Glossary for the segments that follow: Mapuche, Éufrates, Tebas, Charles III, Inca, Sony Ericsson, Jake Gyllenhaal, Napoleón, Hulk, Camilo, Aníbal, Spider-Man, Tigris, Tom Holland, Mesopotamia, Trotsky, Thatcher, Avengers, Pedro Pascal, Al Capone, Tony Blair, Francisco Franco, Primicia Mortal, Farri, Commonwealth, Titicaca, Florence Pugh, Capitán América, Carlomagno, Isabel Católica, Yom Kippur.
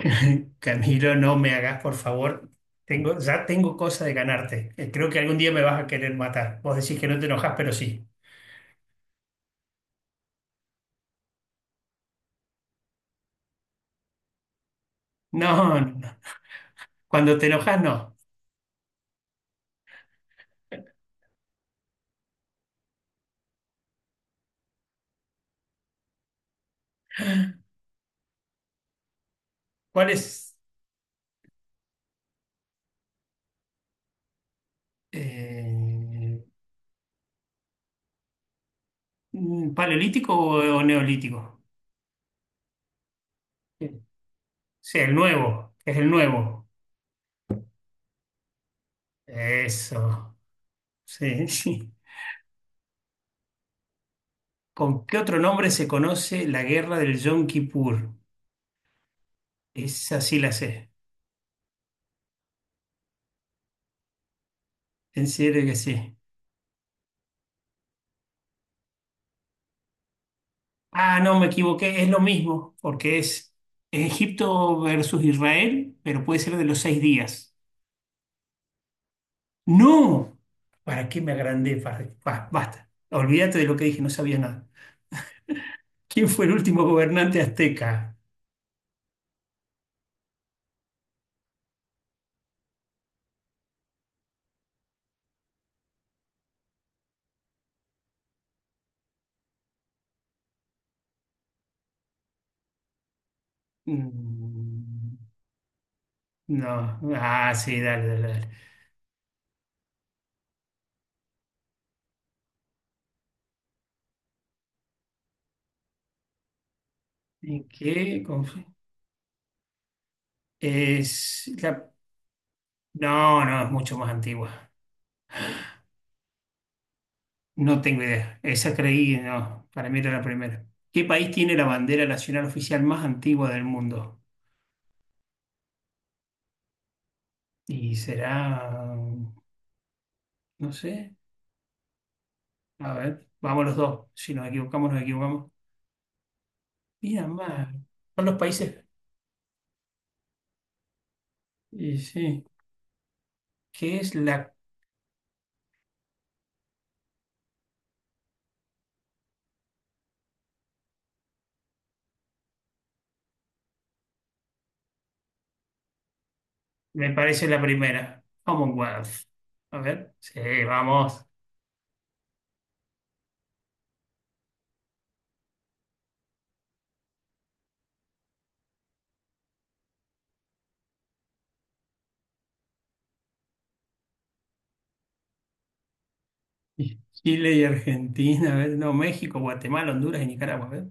Camilo, no me hagas, por favor. Tengo, ya tengo cosa de ganarte. Creo que algún día me vas a querer matar. Vos decís que no te enojas, pero sí. No, no, no. Cuando te enojas, no. ¿Cuál es? eh, ¿Paleolítico o neolítico? Sí, sí, el nuevo, es el nuevo. Eso. Sí, sí. ¿Con qué otro nombre se conoce la guerra del Yom Kippur? Esa sí la sé. En serio que sí. Ah, no, me equivoqué, es lo mismo, porque es Egipto versus Israel, pero puede ser de los seis días. ¡No! ¿Para qué me agrandé? ¿Farri? Basta, olvídate de lo que dije, no sabía nada. ¿Quién fue el último gobernante azteca? Mm, no, ah, sí, dale, dale, dale. ¿En qué? Es la... No, no, es mucho más antigua. No tengo idea. Esa creí, no, para mí era la primera. ¿Qué país tiene la bandera nacional oficial más antigua del mundo? Y será, no sé, a ver, vamos los dos. Si nos equivocamos, nos equivocamos. Mira, más, son los países. Y sí, ¿qué es la, me parece la primera? Commonwealth. A ver, sí, vamos. Y Chile y Argentina, a ver, no, México, Guatemala, Honduras y Nicaragua, a ver.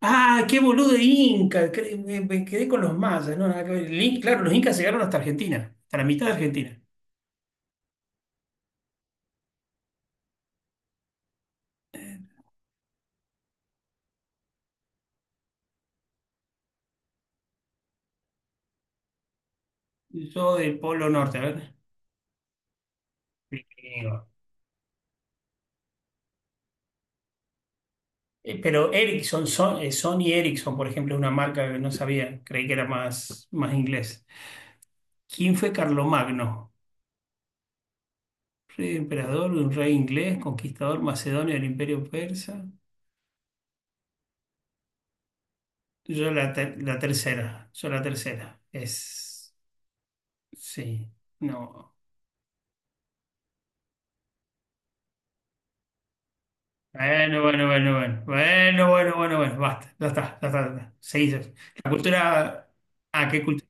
Ah, qué boludo Inca, me quedé con los mayas, no, nada que ver. Claro, los incas llegaron hasta Argentina, hasta la mitad de Argentina. Yo del Polo Norte, a ver. Vikingo. Pero Ericsson, Sony Ericsson, por ejemplo, es una marca que no sabía, creí que era más, más inglés. ¿Quién fue Carlomagno? Rey emperador, un rey inglés, conquistador macedonio del Imperio Persa. La tercera, yo la tercera. Es. Sí, no. Bueno, bueno, bueno, bueno. Bueno, bueno, bueno, bueno. Basta, ya está, ya está, ya está. Seguís. La cultura. Ah, ¿qué cultura?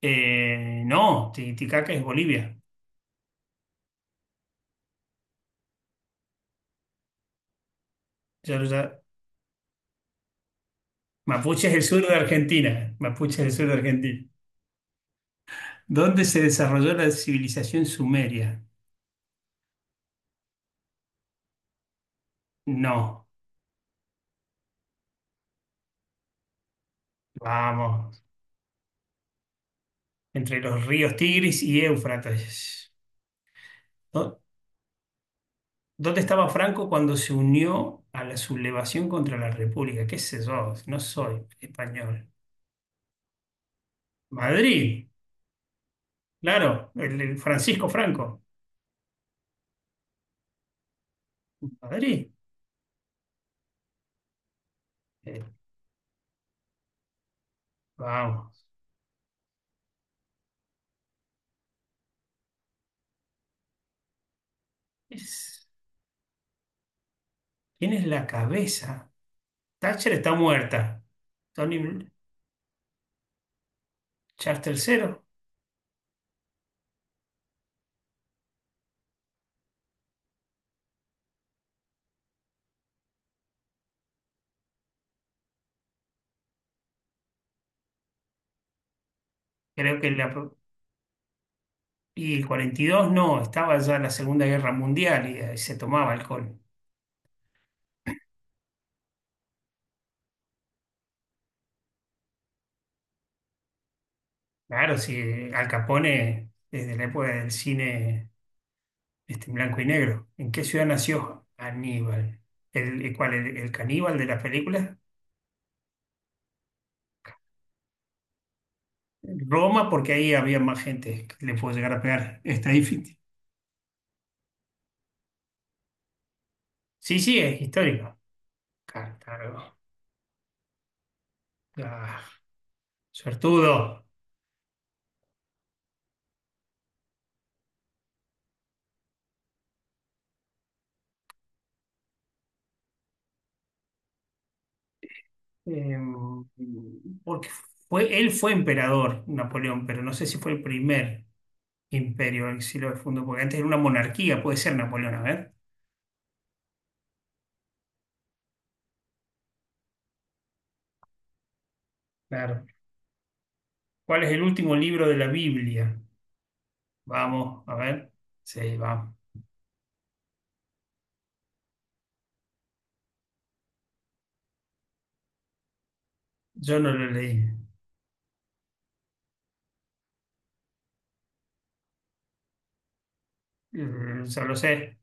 No, Titicaca es Bolivia. Ya, ya- Mapuche es el sur de Argentina. Mapuche es el sur de Argentina. ¿Dónde se desarrolló la civilización sumeria? No, vamos, entre los ríos Tigris y Éufrates. ¿Dó- ¿Dónde estaba Franco cuando se unió a la sublevación contra la República? ¿Qué sé yo? No soy español. Madrid, claro, el Francisco Franco. Madrid. Eh, vamos. Es- ¿Quién es la cabeza? Thatcher está muerta. Tony Blair, Charles III. Creo que la, pro- y el 42 no, estaba ya la Segunda Guerra Mundial y, ahí se tomaba alcohol. Claro, si Al Capone, desde la época del cine este, en blanco y negro. ¿En qué ciudad nació Aníbal? El cuál? El caníbal de la película? Roma, porque ahí había más gente que le pudo llegar a pegar. Está difícil. Sí, sí, es histórico. Cartago. Ah, suertudo. Em, porque fue, él fue emperador, Napoleón, pero no sé si fue el primer. Imperio, exilio de fondo, porque antes era una monarquía, puede ser Napoleón, a ver. Claro. ¿Cuál es el último libro de la Biblia? Vamos, a ver. Sí, vamos. Yo no lo leí. Mm, ya lo sé.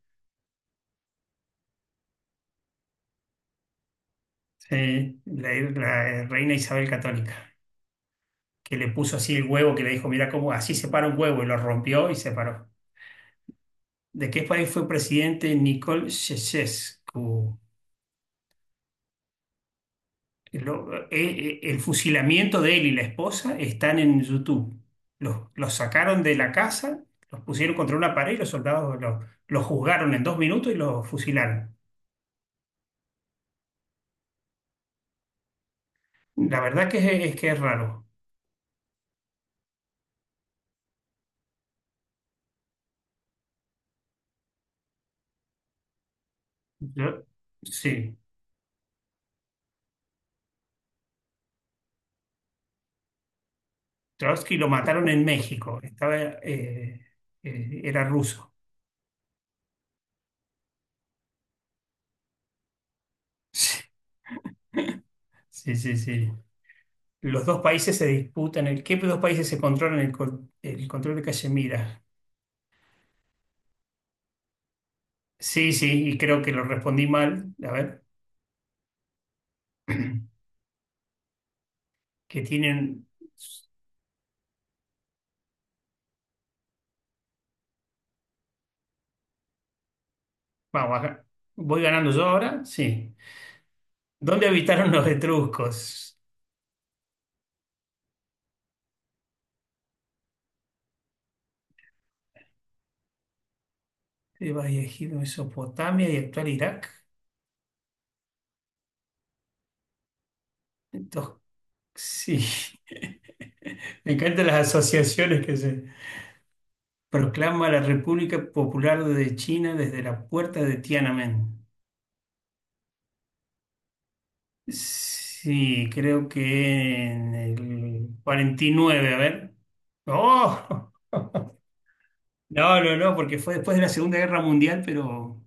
Sí, la reina Isabel Católica, que le puso así el huevo, que le dijo, mira cómo así se para un huevo, y lo rompió y se paró. ¿De qué país fue presidente Nicole Ceausescu? El fusilamiento de él y la esposa están en YouTube. Los sacaron de la casa, los pusieron contra una pared y los soldados los juzgaron en dos minutos y los fusilaron. La verdad que es que es raro. Yo- sí, Trotsky lo mataron en México. Estaba, era ruso. Sí, sí, sí. Los dos países se disputan el, ¿qué dos países se controlan el, el control de Cachemira? Sí, sí, y creo que lo respondí mal. A ver. que tienen. Vamos, acá. ¿Voy ganando yo ahora? Sí. ¿Dónde habitaron los etruscos? Tebas y Egipto, Mesopotamia y actual Irak. Entonces, sí. Me encantan las asociaciones que se proclama la República Popular de China desde la puerta de Tiananmen. Sí, creo que en el 49, a ver. ¡Oh! No, no, no, porque fue después de la Segunda Guerra Mundial, pero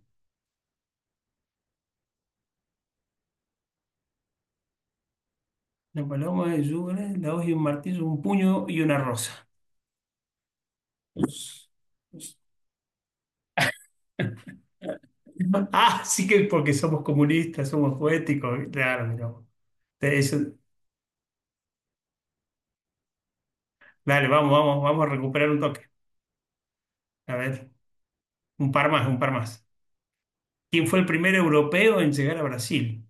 una paloma de lluvia, la hoz y un martillo, un puño y una rosa. Ah, sí que porque somos comunistas, somos poéticos. Claro, mira vos. Te- eso- Dale, vamos, vamos, vamos a recuperar un toque. A ver, un par más, un par más. ¿Quién fue el primer europeo en llegar a Brasil?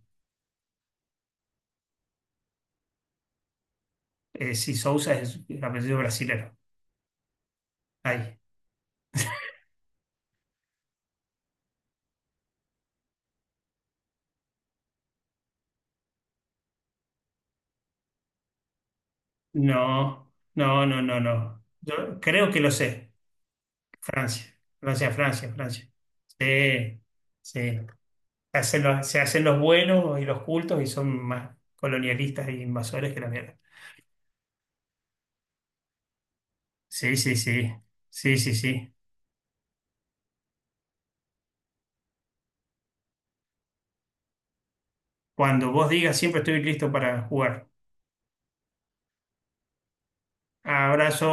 Sí, Sousa es el apellido brasilero. Ahí. No, no, no, no, no. Yo creo que lo sé. Francia, Francia, Francia, Francia. Sí, sí. Se hacen los buenos y los cultos y son más colonialistas e invasores que la mierda. Sí, sí, sí. Sí, sí, sí. Cuando vos digas, siempre estoy listo para jugar. Abrazo.